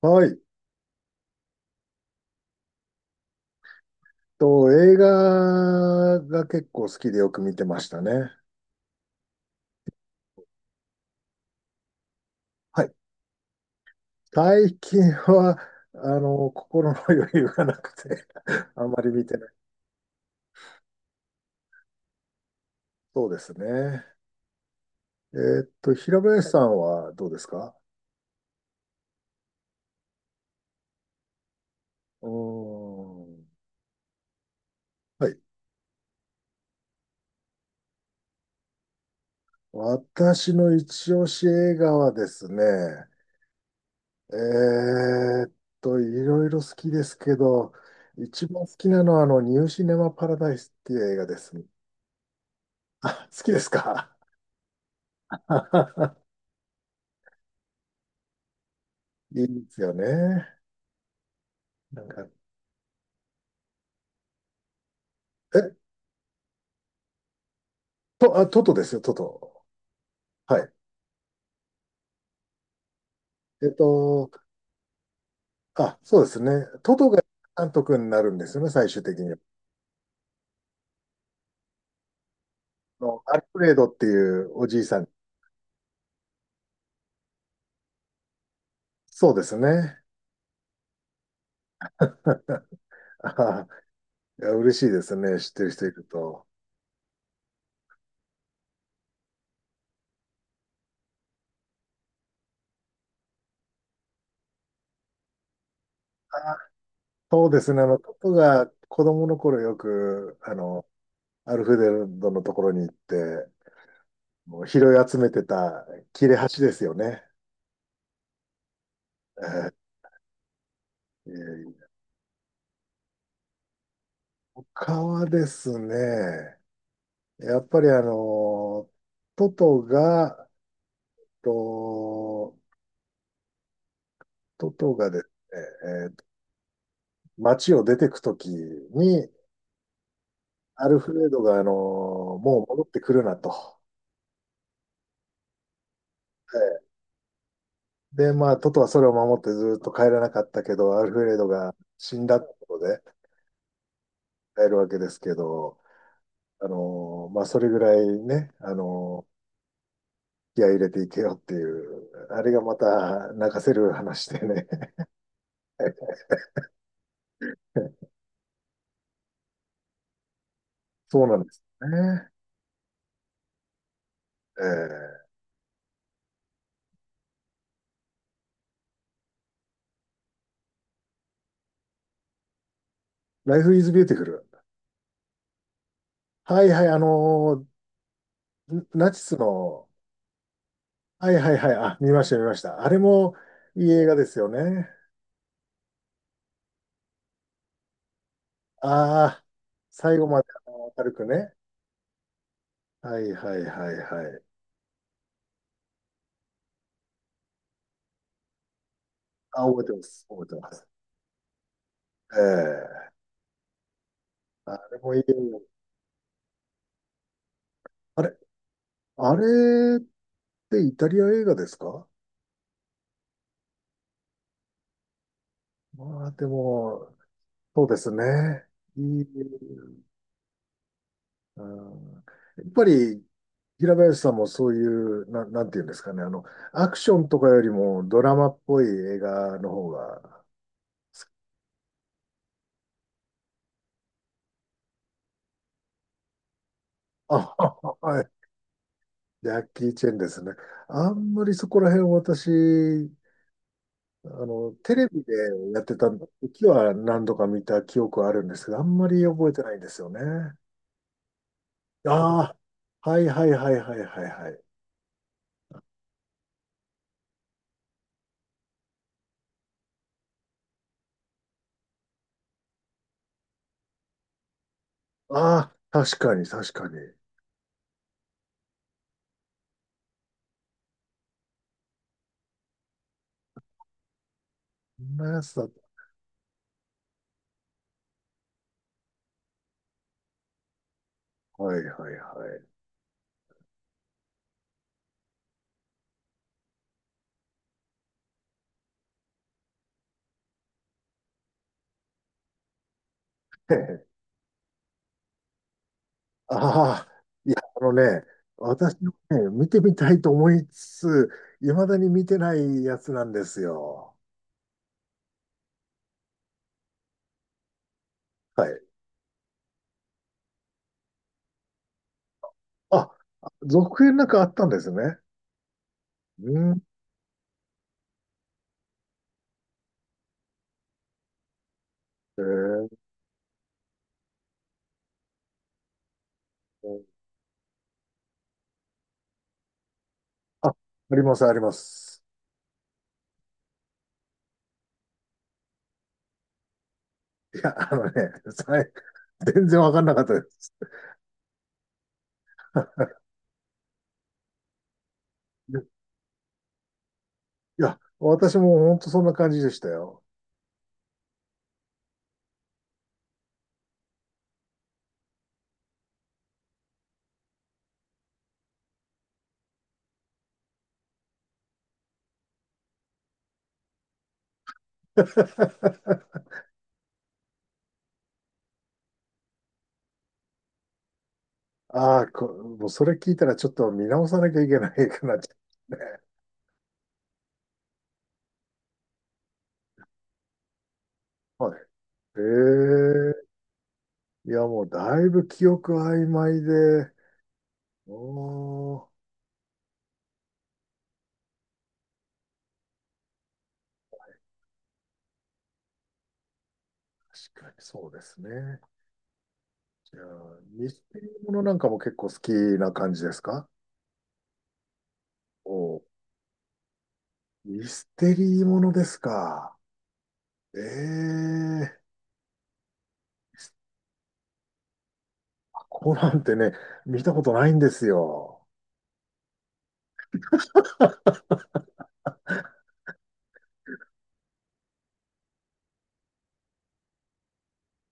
はい。と、映画が結構好きでよく見てましたね。はい。最近は、心の余裕がなくて あんまり見てない。そうですね。平林さんはどうですか？うーん。はい。私の一押し映画はですね、えーっいろいろ好きですけど、一番好きなのは、ニューシネマパラダイスっていう映画です。あ、好きですか？ いいですよね。なんか、え、あ、トトですよ、トト。はい。えっと、あ、そうですね。トトが監督になるんですよね、最終的には。あのアルフレードっていうおじいさん。そうですね。あーいや、嬉しいですね、知ってる人いると。あ、そうですね、トトが子供の頃よく、アルフレードのところに行って、もう拾い集めてた切れ端ですよね。えー、えー、他はですね、やっぱりトトが、と、トトがですね、えー街を出てくときに、アルフレードがもう戻ってくるなと。はい。で、まあ、トトはそれを守ってずっと帰らなかったけど、アルフレードが死んだってことで帰るわけですけど、まあ、それぐらいね、気合い入れていけよっていう、あれがまた泣かせる話でね。そうなんですよね。ええ。ライフイズビューティフル。はいはい、ナチスの、はいはいはい、あ、見ました見ました。あれもいい映画ですよね。ああ、最後まであの明るくね。はいはいはいはい。あ、覚えてます。覚えてます。ええ。あれもいい映画。あれ、あれってイタリア映画ですか？まあでも、そうですね。いい。うん。やっぱり、平林さんもそういう、なんていうんですかね、アクションとかよりもドラマっぽい映画の方が、あ、はい、ジャッキー・チェンですね。あんまりそこら辺私、テレビでやってた時は何度か見た記憶はあるんですけど、あんまり覚えてないんですよね。ああ、はいはいはいはいはいはい。ああ、確かに確かに。そんなやつだった。はいはいはい。ああ、いや、あのね、私もね、見てみたいと思いつつ、いまだに見てないやつなんですよ。はい。あ、続編なんかあったんですね。うん。えー、あ、あります、あります。いや、あのね、さい、全然わかんなかったです。いや、私も本当そんな感じでしたよ。ああ、こ、もうそれ聞いたらちょっと見直さなきゃいけないかなって。ね。はい。ええ。いや、もうだいぶ記憶曖昧で、おー、確かにそうですね。じゃあ、ミステリーものなんかも結構好きな感じですか？おー、ミステリーものですか。ええ。コナンってね、見たことないんですよ。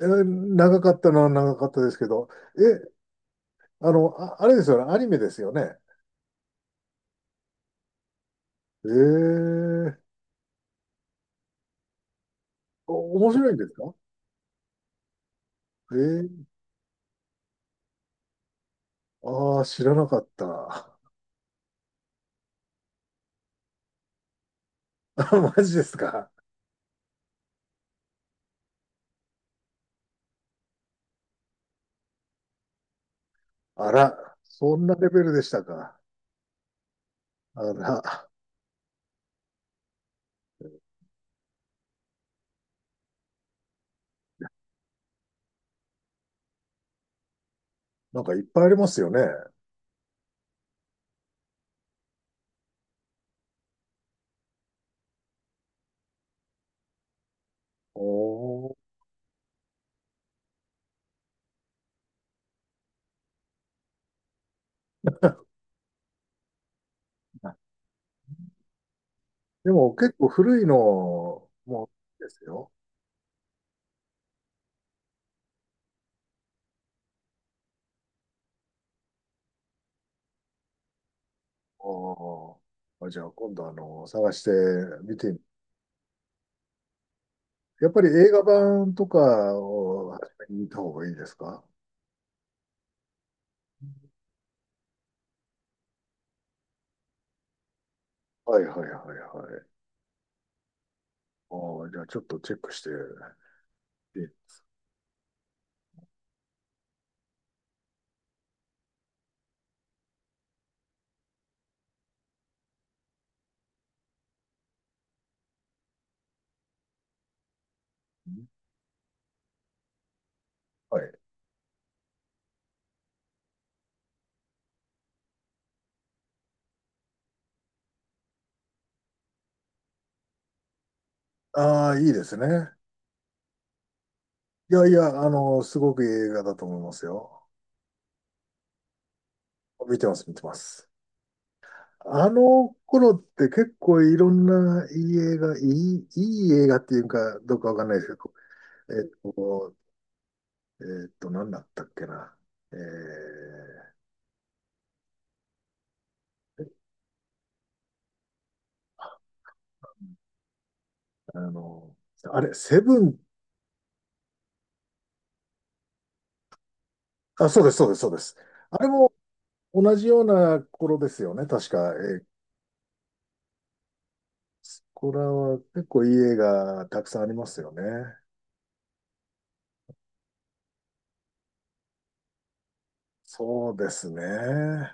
えー、長かったのは長かったですけど、え、あ、あれですよね、アニメですよね。ええ。お、面白いんですか？ええ。ああー、知らなかった。マジですか。あら、そんなレベルでしたか。あら、なんかいっぱいありますよね。おー。でも結構古いのもですよ。おー、あ、じゃあ今度あの、探してみて、やっぱり映画版とかを初めに見た方がいいですか？はいはいはいはい。ああ、じゃあちょっとチェックして。で、はい。ああ、いいですね。いやいや、あの、すごくいい映画だと思いますよ。見てます、見てます。あの頃って結構いろんないい映画、いい、いい映画っていうかどうかわかんないですけど、えっと、何だったっけな。えー、あの、あれ、セブン、あ、そうです、そうです、そうです。あれも同じような頃ですよね、確か。えー、これは結構いい映画たくさんありますよね。そうですね。